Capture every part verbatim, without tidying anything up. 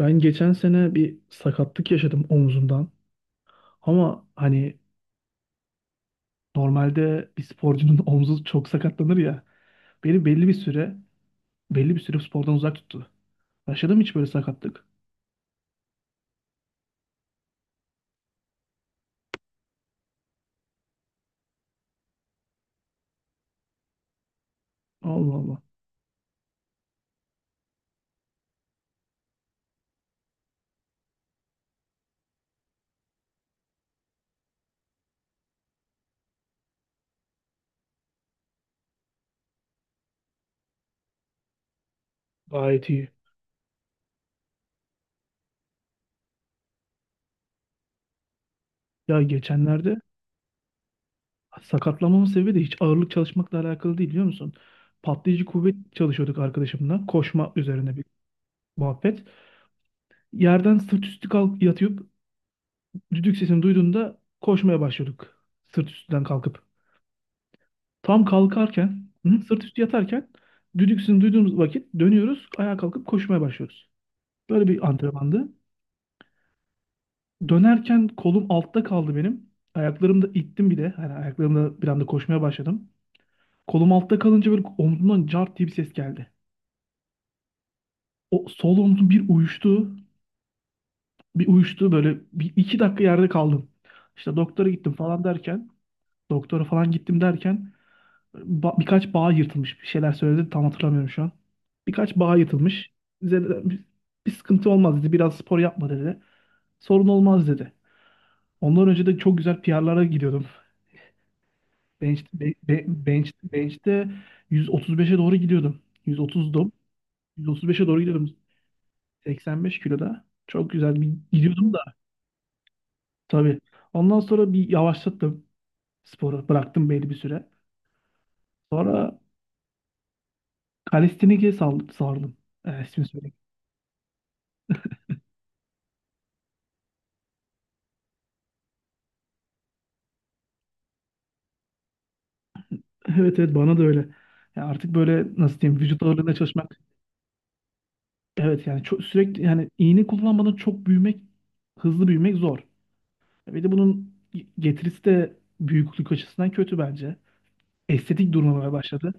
Ben geçen sene bir sakatlık yaşadım omzumdan. Ama hani normalde bir sporcunun omzu çok sakatlanır ya. Beni belli bir süre belli bir süre spordan uzak tuttu. Yaşadım hiç böyle sakatlık. Allah Allah. Gayet iyi. Ya geçenlerde sakatlanmamın sebebi de hiç ağırlık çalışmakla alakalı değil biliyor musun? Patlayıcı kuvvet çalışıyorduk arkadaşımla. Koşma üzerine bir muhabbet. Yerden sırt üstü kalk yatıp düdük sesini duyduğunda koşmaya başlıyorduk. Sırt üstünden kalkıp. Tam kalkarken, hı, sırt üstü yatarken düdüksünü duyduğumuz vakit dönüyoruz, ayağa kalkıp koşmaya başlıyoruz. Böyle bir antrenmandı. Dönerken kolum altta kaldı benim. Ayaklarımda ittim bir de. Hani ayaklarımda bir anda koşmaya başladım. Kolum altta kalınca böyle omzumdan cart diye bir ses geldi. O sol omzum bir uyuştu. Bir uyuştu böyle bir iki dakika yerde kaldım. İşte doktora gittim falan derken, doktora falan gittim derken ba- birkaç bağ yırtılmış bir şeyler söyledi tam hatırlamıyorum şu an. Birkaç bağ yırtılmış. Bize de- bir sıkıntı olmaz dedi. Biraz spor yapma dedi. Sorun olmaz dedi. Ondan önce de çok güzel P R'lara gidiyordum. Bench, be- be- bench, bench'te yüz otuz beşe doğru gidiyordum. yüz otuzdum. yüz otuz beşe doğru gidiyordum. seksen beş kiloda. Çok güzel bir gidiyordum da tabii. Ondan sonra bir yavaşlattım sporu. Bıraktım belli bir süre. Sonra kalistenike sal- sardım. Ee, ismini söyleyeyim. Evet evet, bana da öyle. Ya artık böyle nasıl diyeyim vücut ağırlığında çalışmak. Evet, yani çok sürekli, yani iğne kullanmadan çok büyümek, hızlı büyümek zor. Bir de bunun getirisi de büyüklük açısından kötü bence. Estetik durmamaya başladı.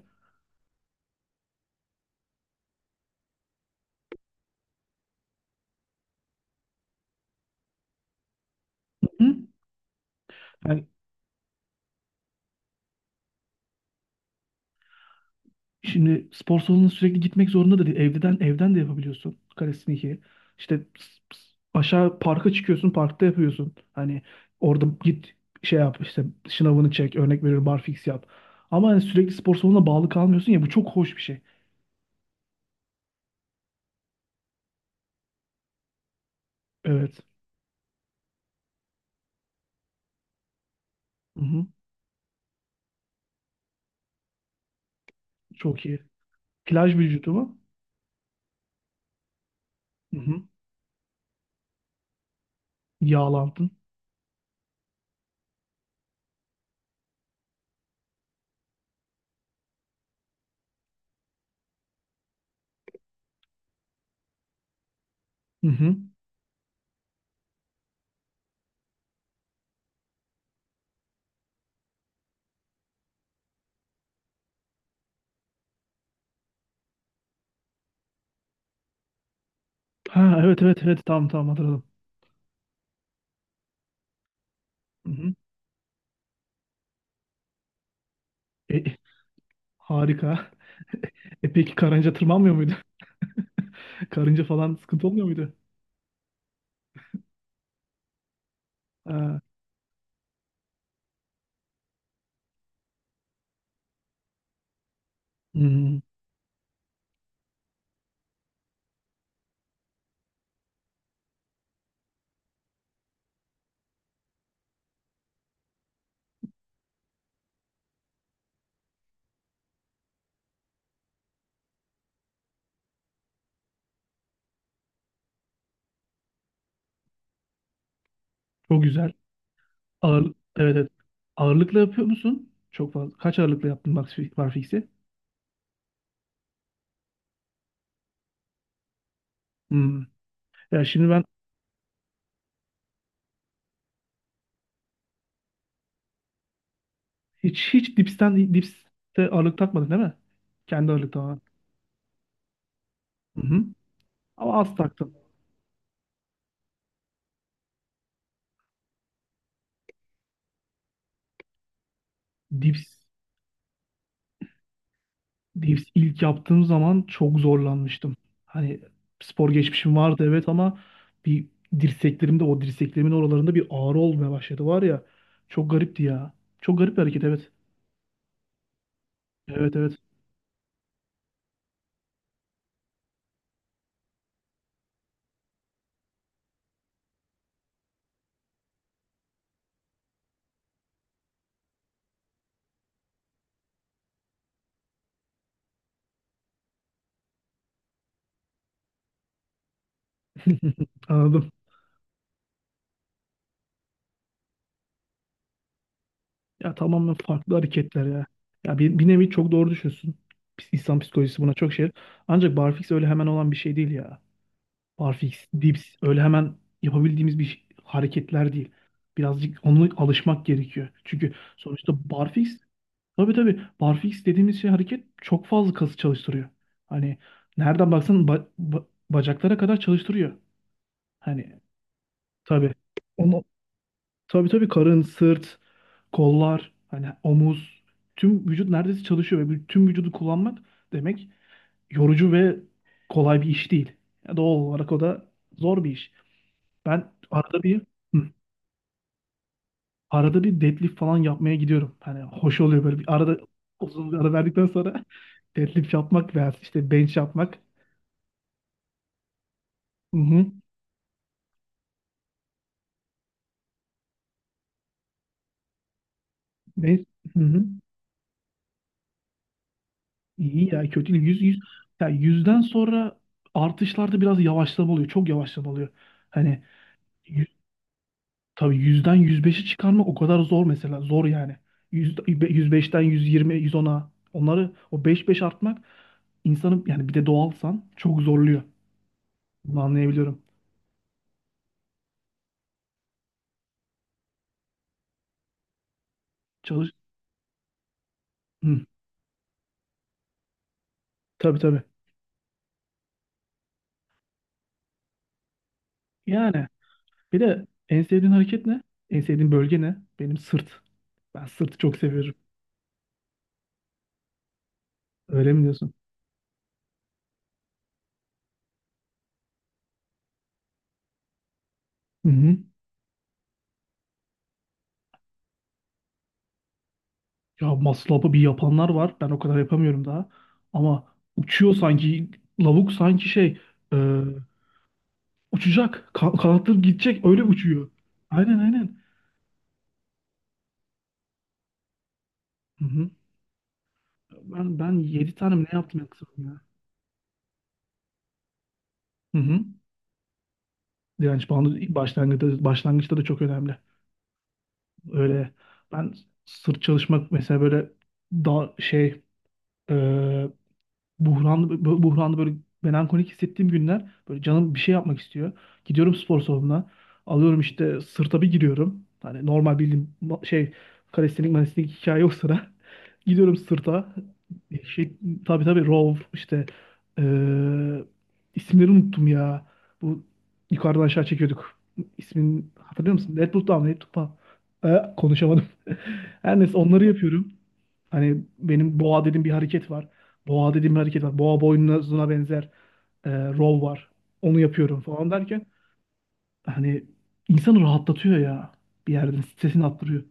Hı? Yani şimdi spor salonuna sürekli gitmek zorunda da değil. Evden evden de yapabiliyorsun kalistenik'i. İşte ps- ps- aşağı parka çıkıyorsun, parkta yapıyorsun. Hani orada git şey yap işte şınavını çek, örnek veriyorum barfiks yap. Ama hani sürekli spor salonuna bağlı kalmıyorsun ya, bu çok hoş bir şey. Evet. Hı-hı. Çok iyi. Plaj vücudu mu? Hı-hı. Yağlandın. Hı-hı. Ha evet evet evet, tamam tamam, hatırladım. Hı-hı. E, e, Harika. E peki karınca tırmanmıyor muydu? Karınca falan sıkıntı olmuyor muydu? Ha. Hı, hı. Çok güzel. Ağır, evet, evet. Ağırlıkla yapıyor musun? Çok fazla. Kaç ağırlıkla yaptın max fi- barfix'i? Hmm. Ya şimdi ben hiç hiç dipsten dipste ağırlık takmadın değil mi? Kendi ağırlık tamamen. Hı hı. Ama az taktım. Dips, dips ilk yaptığım zaman çok zorlanmıştım. Hani spor geçmişim vardı evet, ama bir dirseklerimde, o dirseklerimin oralarında bir ağrı olmaya başladı var ya. Çok garipti ya. Çok garip bir hareket evet. Evet evet. Anladım. Ya tamamen farklı hareketler ya. Ya bir, bir nevi çok doğru düşünsün. Pis- İnsan psikolojisi buna çok şey. Ancak barfix öyle hemen olan bir şey değil ya. Barfix, dips öyle hemen yapabildiğimiz bir şey- hareketler değil. Birazcık ona alışmak gerekiyor. Çünkü sonuçta barfix, tabii tabii, barfix dediğimiz şey hareket çok fazla kası çalıştırıyor. Hani nereden baksan ba- ba- bacaklara kadar çalıştırıyor. Hani tabii. Onu, tabii tabii, karın, sırt, kollar, hani omuz, tüm vücut neredeyse çalışıyor ve bu- tüm vücudu kullanmak demek yorucu ve kolay bir iş değil. Ya doğal olarak o da zor bir iş. Ben arada bir, hı, arada bir deadlift falan yapmaya gidiyorum. Hani hoş oluyor böyle bir arada uzun bir ara verdikten sonra deadlift yapmak veya işte bench yapmak. Hı hı. Bench, hı hı. İyi ya, kötü değil. Yüz, yüz, ya yüzden sonra artışlarda biraz yavaşlama oluyor. Çok yavaşlama oluyor. Hani tabii, yüzden yüz beşi çıkarmak o kadar zor mesela. Zor yani. Yüz, yüz beşten yüz yirmi, yüz ona, onları o beş beş artmak insanı, yani bir de doğalsan, çok zorluyor. Bunu anlayabiliyorum. Çalış. Hı, tabii tabii. Yani bir de en sevdiğin hareket ne? En sevdiğin bölge ne? Benim sırt. Ben sırtı çok seviyorum. Öyle mi diyorsun? Hı hı. Ya maslapı bir yapanlar var. Ben o kadar yapamıyorum daha. Ama uçuyor sanki. Lavuk sanki şey. Uçacak. Ka kanatları gidecek. Öyle uçuyor. Aynen aynen. Hı hı. Ben ben yedi tane mi ne yaptım ya kızım ya. Hı hı. Direnç bandı başlangıçta, başlangıçta da çok önemli. Öyle, ben sırt çalışmak mesela böyle daha şey, e, buhranlı bu- buhranlı böyle melankolik hissettiğim günler böyle canım bir şey yapmak istiyor. Gidiyorum spor salonuna. Alıyorum işte sırta bir giriyorum. Hani normal bildiğim ma- şey kalestenik malestenik hikaye yok sıra. Gidiyorum sırta. Şey, tabii tabii row işte eee isimleri unuttum ya. Bu yukarıdan aşağı çekiyorduk. İsmin hatırlıyor musun? Deadpool Down, Deadpool Down. Ee, konuşamadım. Her neyse onları yapıyorum. Hani benim boğa dediğim bir hareket var. Boğa dediğim bir hareket var. Boğa boynuzuna benzer, e, rol var. Onu yapıyorum falan derken, hani insanı rahatlatıyor ya. Bir yerden stresini attırıyor.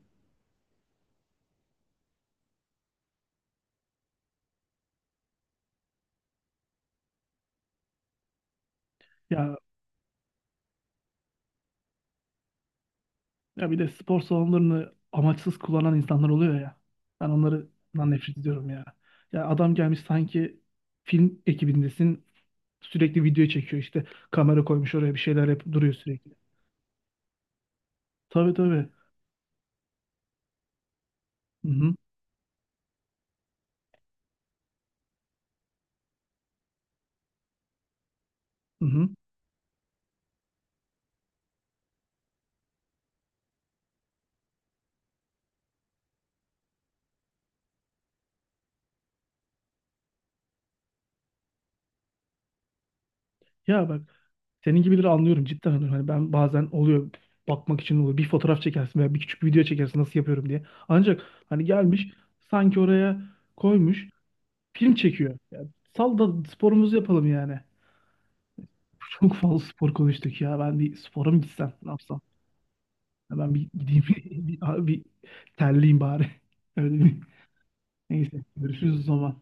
Ya, ya bir de spor salonlarını amaçsız kullanan insanlar oluyor ya. Ben onlardan nefret ediyorum ya. Ya adam gelmiş sanki film ekibindesin. Sürekli video çekiyor işte. Kamera koymuş oraya bir şeyler yapıp duruyor sürekli. Tabii tabii. Hı hı, hı hı. Ya bak, senin gibileri anlıyorum cidden. Anlıyorum. Hani ben bazen oluyor, bakmak için oluyor. Bir fotoğraf çekersin veya bir küçük bir video çekersin nasıl yapıyorum diye. Ancak hani gelmiş sanki oraya koymuş film çekiyor. Ya, sal da sporumuzu yapalım yani. Çok fazla spor konuştuk ya. Ben bir spora mı gitsem ne yapsam? Ya ben bir gideyim bir, bir, bir terleyeyim bari. Öyle bir. Neyse görüşürüz o zaman.